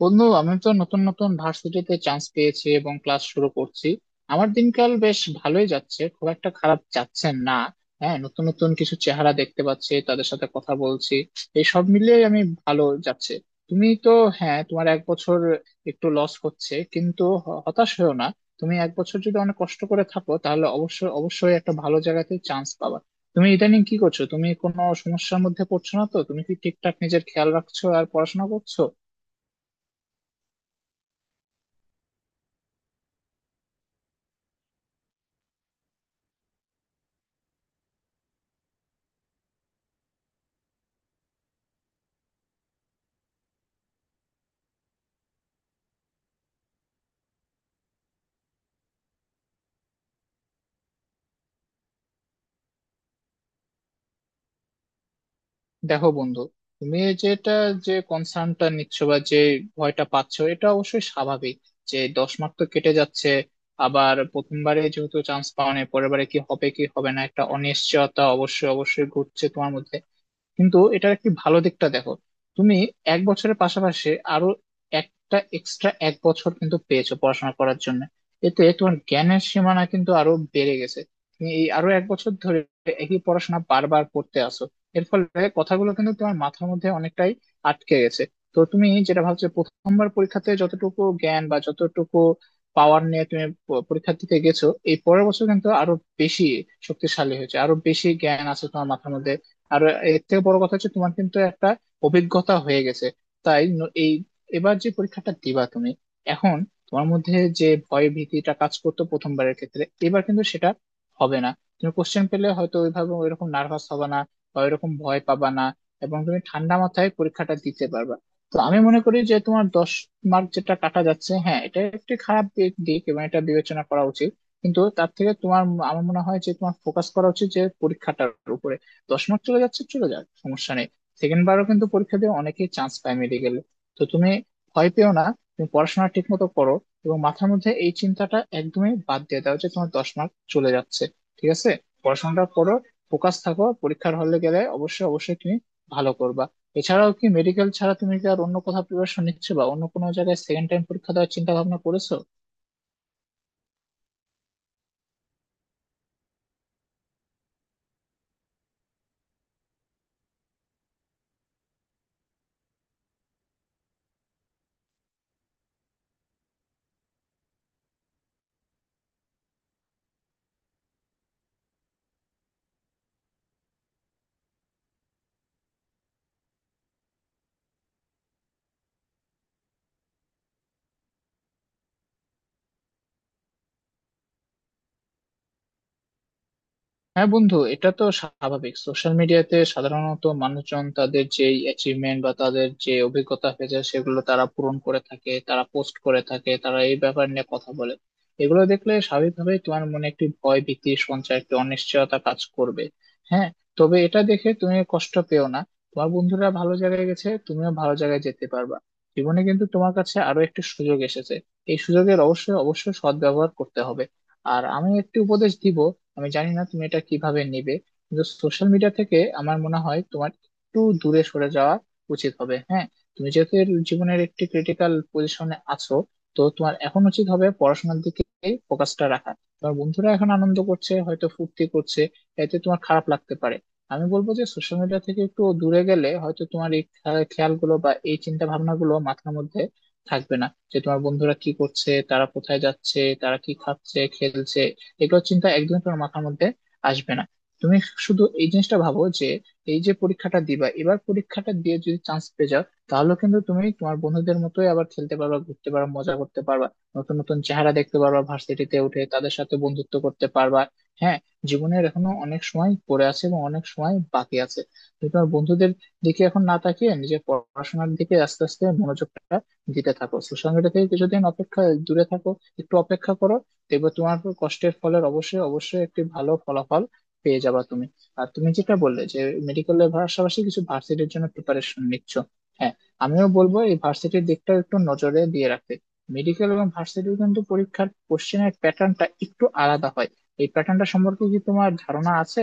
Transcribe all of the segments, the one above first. বন্ধু, আমি তো নতুন নতুন ভার্সিটিতে চান্স পেয়েছি এবং ক্লাস শুরু করছি। আমার দিনকাল বেশ ভালোই যাচ্ছে, খুব একটা খারাপ যাচ্ছে না। হ্যাঁ, নতুন নতুন কিছু চেহারা দেখতে পাচ্ছি, তাদের সাথে কথা বলছি। এই সব মিলিয়ে আমি ভালো যাচ্ছে। তুমি তো, হ্যাঁ, তোমার এক বছর একটু লস হচ্ছে, কিন্তু হতাশ হয়েও না। তুমি এক বছর যদি অনেক কষ্ট করে থাকো, তাহলে অবশ্যই অবশ্যই একটা ভালো জায়গাতে চান্স পাবা। তুমি ইদানিং কি করছো? তুমি কোনো সমস্যার মধ্যে পড়ছো না তো? তুমি কি ঠিকঠাক নিজের খেয়াল রাখছো আর পড়াশোনা করছো? দেখো বন্ধু, তুমি এই যেটা, যে কনসার্নটা নিচ্ছ বা যে ভয়টা পাচ্ছ, এটা অবশ্যই স্বাভাবিক। যে 10 মার্ক তো কেটে যাচ্ছে, আবার প্রথমবারে যেহেতু চান্স পাওয়া নেই, পরের বারে কি হবে কি হবে না, একটা অনিশ্চয়তা অবশ্যই অবশ্যই ঘুরছে তোমার মধ্যে। কিন্তু এটার একটি ভালো দিকটা দেখো, তুমি এক বছরের পাশাপাশি আরো একটা এক্সট্রা এক বছর কিন্তু পেয়েছো পড়াশোনা করার জন্য। এতে তোমার জ্ঞানের সীমানা কিন্তু আরো বেড়ে গেছে। তুমি এই আরো এক বছর ধরে একই পড়াশোনা বারবার করতে আসো, এর ফলে কথাগুলো কিন্তু তোমার মাথার মধ্যে অনেকটাই আটকে গেছে। তো তুমি যেটা ভাবছো প্রথমবার পরীক্ষাতে যতটুকু জ্ঞান বা যতটুকু পাওয়ার নিয়ে তুমি পরীক্ষা দিতে গেছো, এই পরের বছর কিন্তু আরো বেশি শক্তিশালী হয়েছে, আরো বেশি জ্ঞান আছে তোমার মাথার মধ্যে। আর এর থেকে বড় কথা হচ্ছে, তোমার কিন্তু একটা অভিজ্ঞতা হয়ে গেছে। তাই ন- এই এবার যে পরীক্ষাটা দিবা তুমি, এখন তোমার মধ্যে যে ভয় ভীতিটা কাজ করতো প্রথমবারের ক্ষেত্রে, এবার কিন্তু সেটা হবে না। তুমি কোশ্চেন পেলে হয়তো ওইভাবে ওইরকম নার্ভাস হবে না বা ওইরকম ভয় পাবা না, এবং তুমি ঠান্ডা মাথায় পরীক্ষাটা দিতে পারবা। তো আমি মনে করি যে তোমার 10 মার্ক যেটা কাটা যাচ্ছে, হ্যাঁ, এটা একটি খারাপ দিক দিক এবং এটা বিবেচনা করা উচিত, কিন্তু তার থেকে তোমার, আমার মনে হয় যে তোমার ফোকাস করা উচিত যে পরীক্ষাটার উপরে। 10 মিনিট চলে যাচ্ছে, চলে যাক, সমস্যা নেই। সেকেন্ড বারও কিন্তু পরীক্ষা দিয়ে অনেকেই চান্স পায় মেডিকেলে। তো তুমি ভয় পেও না, তুমি পড়াশোনা ঠিক মতো করো, এবং মাথার মধ্যে এই চিন্তাটা একদমই বাদ দিয়ে দাও যে তোমার দশ মার্ক চলে যাচ্ছে। ঠিক আছে? পড়াশোনাটা করো, ফোকাস থাকো, পরীক্ষার হলে গেলে অবশ্যই অবশ্যই তুমি ভালো করবা। এছাড়াও কি মেডিকেল ছাড়া তুমি কি আর অন্য কোথাও প্রিপারেশন নিচ্ছে বা অন্য কোনো জায়গায় সেকেন্ড টাইম পরীক্ষা দেওয়ার চিন্তা ভাবনা করেছো? হ্যাঁ বন্ধু, এটা তো স্বাভাবিক। সোশ্যাল মিডিয়াতে সাধারণত মানুষজন তাদের যে অ্যাচিভমেন্ট বা তাদের যে অভিজ্ঞতা হয়েছে সেগুলো তারা পূরণ করে থাকে, তারা পোস্ট করে থাকে, তারা এই ব্যাপার নিয়ে কথা বলে। এগুলো দেখলে স্বাভাবিকভাবেই তোমার মনে একটি ভয় ভীতি সঞ্চয়, একটি অনিশ্চয়তা কাজ করবে। হ্যাঁ, তবে এটা দেখে তুমি কষ্ট পেও না। তোমার বন্ধুরা ভালো জায়গায় গেছে, তুমিও ভালো জায়গায় যেতে পারবা। জীবনে কিন্তু তোমার কাছে আরো একটি সুযোগ এসেছে, এই সুযোগের অবশ্যই অবশ্যই সদ্ব্যবহার করতে হবে। আর আমি একটি উপদেশ দিব, আমি জানি না তুমি এটা কিভাবে নিবে, কিন্তু সোশ্যাল মিডিয়া থেকে আমার মনে হয় তোমার একটু দূরে সরে যাওয়া উচিত হবে। হ্যাঁ, তুমি যেহেতু এর জীবনের একটি ক্রিটিক্যাল পজিশনে আছো, তো তোমার এখন উচিত হবে পড়াশোনার দিকে ফোকাসটা রাখা। তোমার বন্ধুরা এখন আনন্দ করছে, হয়তো ফুর্তি করছে, এতে তোমার খারাপ লাগতে পারে। আমি বলবো যে সোশ্যাল মিডিয়া থেকে একটু দূরে গেলে হয়তো তোমার এই খেয়ালগুলো বা এই চিন্তা ভাবনাগুলো মাথার মধ্যে থাকবে না। যে তোমার বন্ধুরা কি করছে, তারা কোথায় যাচ্ছে, তারা কি খাচ্ছে খেলছে, এগুলো চিন্তা একদমই তোমার মাথার মধ্যে আসবে না। তুমি শুধু এই জিনিসটা ভাবো যে এই যে পরীক্ষাটা দিবা, এবার পরীক্ষাটা দিয়ে যদি চান্স পেয়ে যাও, তাহলে কিন্তু তুমি তোমার বন্ধুদের মতোই আবার খেলতে পারবা, ঘুরতে পারবা, মজা করতে পারবা। নতুন নতুন চেহারা দেখতে পারবা, ভার্সিটিতে উঠে তাদের সাথে বন্ধুত্ব করতে পারবা। হ্যাঁ, জীবনের এখনো অনেক সময় পড়ে আছে এবং অনেক সময় বাকি আছে। তুমি তোমার বন্ধুদের দিকে এখন না তাকিয়ে নিজের পড়াশোনার দিকে আস্তে আস্তে মনোযোগটা দিতে থাকো, সোশ্যাল মিডিয়া থেকে কিছুদিন অপেক্ষা দূরে থাকো, একটু অপেক্ষা করো। দেখবে তোমার উপর কষ্টের ফলের অবশ্যই অবশ্যই একটি ভালো ফলাফল পেয়ে যাবা তুমি। আর তুমি যেটা বললে যে মেডিকেলের পাশাপাশি কিছু ভার্সিটির জন্য প্রিপারেশন নিচ্ছ, হ্যাঁ, আমিও বলবো এই ভার্সিটির দিকটা একটু নজরে দিয়ে রাখতে। মেডিকেল এবং ভার্সিটির কিন্তু পরীক্ষার কোশ্চেনের প্যাটার্নটা একটু আলাদা হয়। এই প্যাটার্নটা সম্পর্কে কি তোমার ধারণা আছে?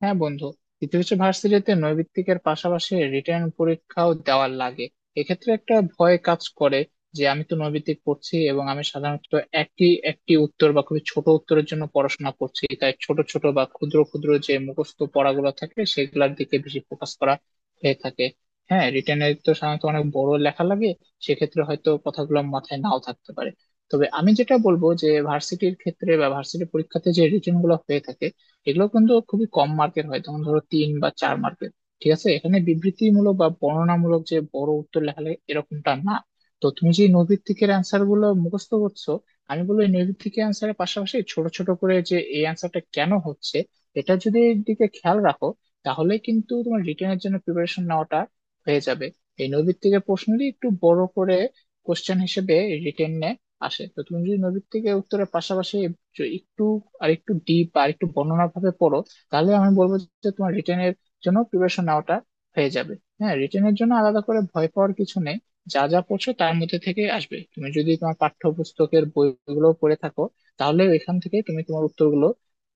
হ্যাঁ বন্ধু, ইতিহাসে ভার্সিটিতে নৈর্ব্যক্তিকের পাশাপাশি রিটেন পরীক্ষাও দেওয়ার লাগে। এক্ষেত্রে একটা ভয় কাজ করে যে আমি তো নৈর্ব্যক্তিক পড়ছি এবং আমি সাধারণত একটি একটি উত্তর বা খুবই ছোট উত্তরের জন্য পড়াশোনা করছি, তাই ছোট ছোট বা ক্ষুদ্র ক্ষুদ্র যে মুখস্থ পড়াগুলো থাকে সেগুলোর দিকে বেশি ফোকাস করা হয়ে থাকে। হ্যাঁ, রিটেনে তো সাধারণত অনেক বড় লেখা লাগে, সেক্ষেত্রে হয়তো কথাগুলো মাথায় নাও থাকতে পারে। তবে আমি যেটা বলবো যে ভার্সিটির ক্ষেত্রে বা ভার্সিটি পরীক্ষাতে যে রিটেন গুলো হয়ে থাকে, এগুলো কিন্তু খুবই কম মার্কের হয়, যেমন ধরো 3 বা 4 মার্কের। ঠিক আছে, এখানে বিবৃতিমূলক বা বর্ণনামূলক যে বড় উত্তর লেখালে এরকমটা না। তো তুমি যে নৈর্ব্যক্তিকের অ্যান্সার গুলো মুখস্থ করছো, আমি বলবো এই নৈর্ব্যক্তিকের অ্যান্সারের পাশাপাশি ছোট ছোট করে যে এই অ্যান্সারটা কেন হচ্ছে এটা যদি দিকে খেয়াল রাখো, তাহলে কিন্তু তোমার রিটেনের জন্য প্রিপারেশন নেওয়াটা হয়ে যাবে। এই নৈর্ব্যক্তিকের প্রশ্নটি একটু বড় করে কোশ্চেন হিসেবে রিটেনে আসে, তো তুমি যদি নৈর্ব্যক্তিকের উত্তরের পাশাপাশি যে একটু, আর একটু ডিপ, আর একটু বর্ণনা ভাবে পড়ো, তাহলে আমি বলবো যে তোমার রিটেনের জন্য প্রিপারেশন নেওয়াটা হয়ে যাবে। হ্যাঁ, রিটেনের জন্য আলাদা করে ভয় পাওয়ার কিছু নেই। যা যা পড়ছো তার মধ্যে থেকে আসবে, তুমি যদি তোমার পাঠ্যপুস্তকের বইগুলো পড়ে থাকো তাহলে এখান থেকে তুমি তোমার উত্তরগুলো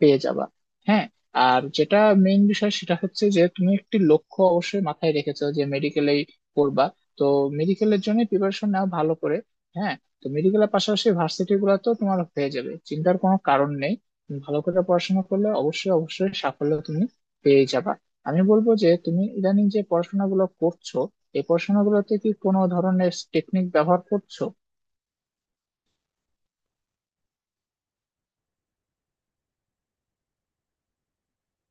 পেয়ে যাবা। হ্যাঁ, আর যেটা মেইন বিষয় সেটা হচ্ছে যে তুমি একটি লক্ষ্য অবশ্যই মাথায় রেখেছো যে মেডিকেলেই পড়বা। তো মেডিকেলের জন্য প্রিপারেশন নাও ভালো করে। হ্যাঁ, তো মেডিকেলের পাশাপাশি ভার্সিটি গুলো তো তোমার হয়ে যাবে, চিন্তার কোনো কারণ নেই। তুমি ভালো করে পড়াশোনা করলে অবশ্যই অবশ্যই সাফল্য তুমি পেয়ে যাবা। আমি বলবো যে তুমি ইদানিং যে পড়াশোনাগুলো করছো, এই পড়াশোনাগুলোতে কি কোনো ধরনের টেকনিক ব্যবহার করছো?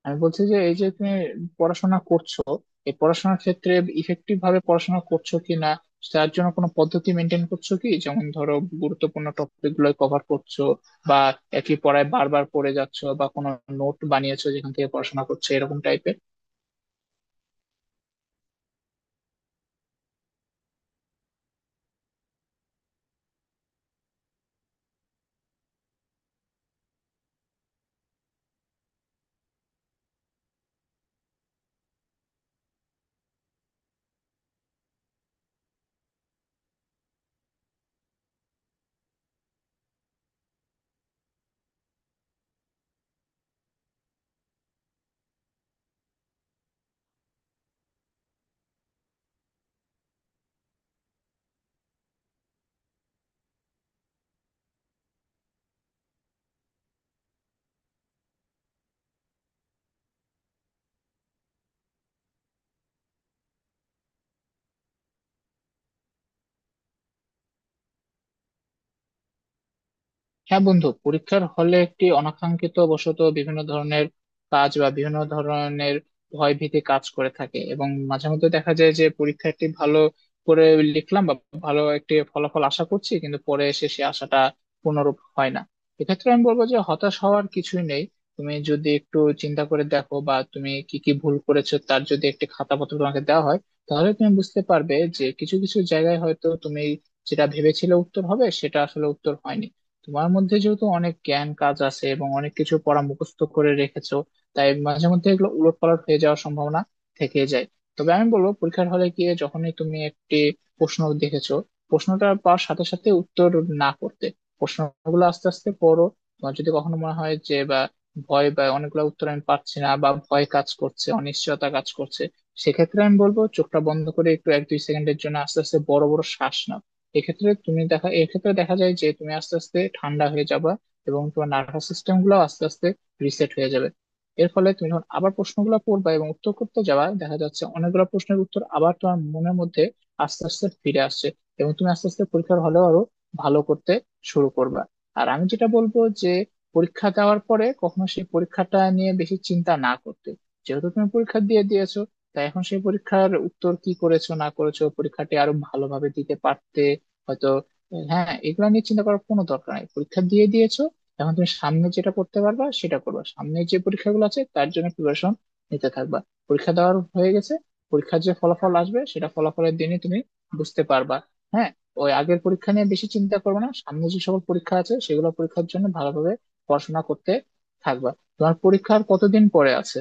আমি বলছি যে এই যে তুমি পড়াশোনা করছো, এই পড়াশোনার ক্ষেত্রে ইফেক্টিভ ভাবে পড়াশোনা করছো কি না, তার জন্য কোনো পদ্ধতি মেনটেন করছো কি? যেমন ধরো গুরুত্বপূর্ণ টপিক গুলো কভার করছো, বা একই পড়ায় বারবার পড়ে যাচ্ছো, বা কোনো নোট বানিয়েছো যেখান থেকে পড়াশোনা করছো, এরকম টাইপের। হ্যাঁ বন্ধু, পরীক্ষার হলে একটি অনাকাঙ্ক্ষিত বশত বিভিন্ন ধরনের কাজ বা বিভিন্ন ধরনের ভয় ভীতি কাজ করে থাকে এবং মাঝে মধ্যে দেখা যায় যে পরীক্ষাটি ভালো করে লিখলাম বা ভালো একটি ফলাফল আশা করছি, কিন্তু পরে এসে সে আশাটা পূর্ণরূপ হয় না। এক্ষেত্রে আমি বলবো যে হতাশ হওয়ার কিছুই নেই। তুমি যদি একটু চিন্তা করে দেখো বা তুমি কি কি ভুল করেছো তার যদি একটি খাতাপত্র তোমাকে দেওয়া হয়, তাহলে তুমি বুঝতে পারবে যে কিছু কিছু জায়গায় হয়তো তুমি যেটা ভেবেছিলে উত্তর হবে সেটা আসলে উত্তর হয়নি। তোমার মধ্যে যেহেতু অনেক জ্ঞান কাজ আছে এবং অনেক কিছু পড়া মুখস্থ করে রেখেছো, তাই মাঝে মধ্যে এগুলো উলটপালট হয়ে যাওয়ার সম্ভাবনা থেকে যায়। তবে আমি বলবো পরীক্ষার হলে গিয়ে যখনই তুমি একটি প্রশ্ন দেখেছো, প্রশ্নটা পাওয়ার সাথে সাথে উত্তর না করতে। প্রশ্নগুলো আস্তে আস্তে পড়ো। তোমার যদি কখনো মনে হয় যে বা ভয় বা অনেকগুলো উত্তর আমি পাচ্ছি না বা ভয় কাজ করছে, অনিশ্চয়তা কাজ করছে, সেক্ষেত্রে আমি বলবো চোখটা বন্ধ করে একটু 1-2 সেকেন্ডের জন্য আস্তে আস্তে বড় বড় শ্বাস নাও। এক্ষেত্রে দেখা যায় যে তুমি আস্তে আস্তে ঠান্ডা হয়ে যাবা এবং তোমার নার্ভাস সিস্টেম গুলো আস্তে আস্তে রিসেট হয়ে যাবে। এর ফলে তুমি যখন আবার প্রশ্নগুলো পড়বা এবং উত্তর করতে যাবা, দেখা যাচ্ছে অনেকগুলো প্রশ্নের উত্তর আবার তোমার মনের মধ্যে আস্তে আস্তে ফিরে আসছে, এবং তুমি আস্তে আস্তে পরীক্ষার হলেও আরো ভালো করতে শুরু করবা। আর আমি যেটা বলবো যে পরীক্ষা দেওয়ার পরে কখনো সেই পরীক্ষাটা নিয়ে বেশি চিন্তা না করতে। যেহেতু তুমি পরীক্ষা দিয়ে দিয়েছো, তাই এখন সেই পরীক্ষার উত্তর কি করেছো না করেছো, পরীক্ষাটি আরো ভালোভাবে দিতে পারতে হয়তো, হ্যাঁ, এগুলো নিয়ে চিন্তা করার কোনো দরকার নেই। পরীক্ষা দিয়ে দিয়েছো, এখন তুমি সামনে যেটা করতে পারবা সেটা করবা, সামনে যে পরীক্ষাগুলো আছে তার জন্য প্রিপারেশন নিতে থাকবা। পরীক্ষা দেওয়ার হয়ে গেছে, পরীক্ষার যে ফলাফল আসবে সেটা ফলাফলের দিনে তুমি বুঝতে পারবা। হ্যাঁ, ওই আগের পরীক্ষা নিয়ে বেশি চিন্তা করবে না, সামনে যে সকল পরীক্ষা আছে সেগুলো পরীক্ষার জন্য ভালোভাবে পড়াশোনা করতে থাকবা। তোমার পরীক্ষার কতদিন পরে আছে?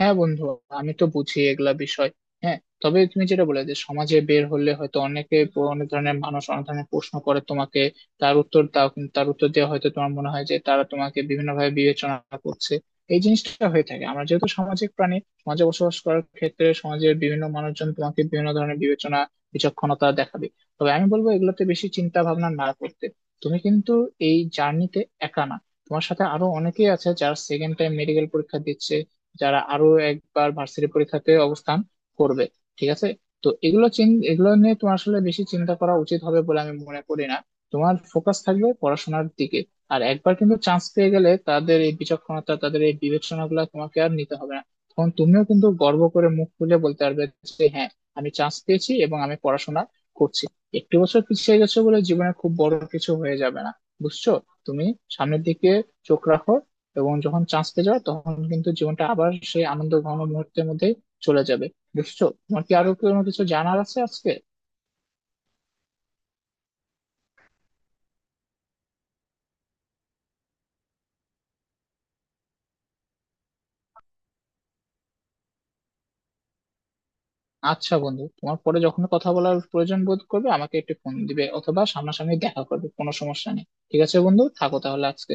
হ্যাঁ বন্ধু, আমি তো বুঝি এগুলা বিষয়। হ্যাঁ, তবে তুমি যেটা বলে যে সমাজে বের হলে হয়তো অনেকে, অনেক ধরনের মানুষ অনেক ধরনের প্রশ্ন করে তোমাকে, তার উত্তর দাও, কিন্তু তার উত্তর দেওয়া হয়তো তোমার মনে হয় যে তারা তোমাকে বিভিন্নভাবে বিবেচনা করছে। এই জিনিসটা হয়ে থাকে, আমরা যেহেতু সামাজিক প্রাণী, সমাজে বসবাস করার ক্ষেত্রে সমাজের বিভিন্ন মানুষজন তোমাকে বিভিন্ন ধরনের বিবেচনা, বিচক্ষণতা দেখাবে। তবে আমি বলবো এগুলোতে বেশি চিন্তা ভাবনা না করতে। তুমি কিন্তু এই জার্নিতে একা না, তোমার সাথে আরো অনেকেই আছে যারা সেকেন্ড টাইম মেডিকেল পরীক্ষা দিচ্ছে, যারা আরো একবার ভার্সিটি পরীক্ষাতে অবস্থান করবে। ঠিক আছে? তো এগুলো এগুলো নিয়ে তোমার আসলে বেশি চিন্তা করা উচিত হবে বলে আমি মনে করি না। তোমার ফোকাস থাকবে পড়াশোনার দিকে। আর একবার কিন্তু চান্স পেয়ে গেলে তাদের এই বিচক্ষণতা, তাদের এই বিবেচনা গুলা তোমাকে আর নিতে হবে না। তখন তুমিও কিন্তু গর্ব করে মুখ খুলে বলতে পারবে যে হ্যাঁ, আমি চান্স পেয়েছি এবং আমি পড়াশোনা করছি। একটু বছর পিছিয়ে গেছো বলে জীবনে খুব বড় কিছু হয়ে যাবে না, বুঝছো। তুমি সামনের দিকে চোখ রাখো, এবং যখন চান্স পেয়ে যাবে তখন কিন্তু জীবনটা আবার সেই আনন্দ ঘন মুহূর্তের মধ্যে চলে যাবে। বুঝছো, তোমার কি আরো কোনো কিছু জানার আছে আজকে? আচ্ছা বন্ধু, তোমার পরে যখন কথা বলার প্রয়োজন বোধ করবে আমাকে একটু ফোন দিবে অথবা সামনাসামনি দেখা করবে, কোনো সমস্যা নেই। ঠিক আছে বন্ধু, থাকো তাহলে আজকে।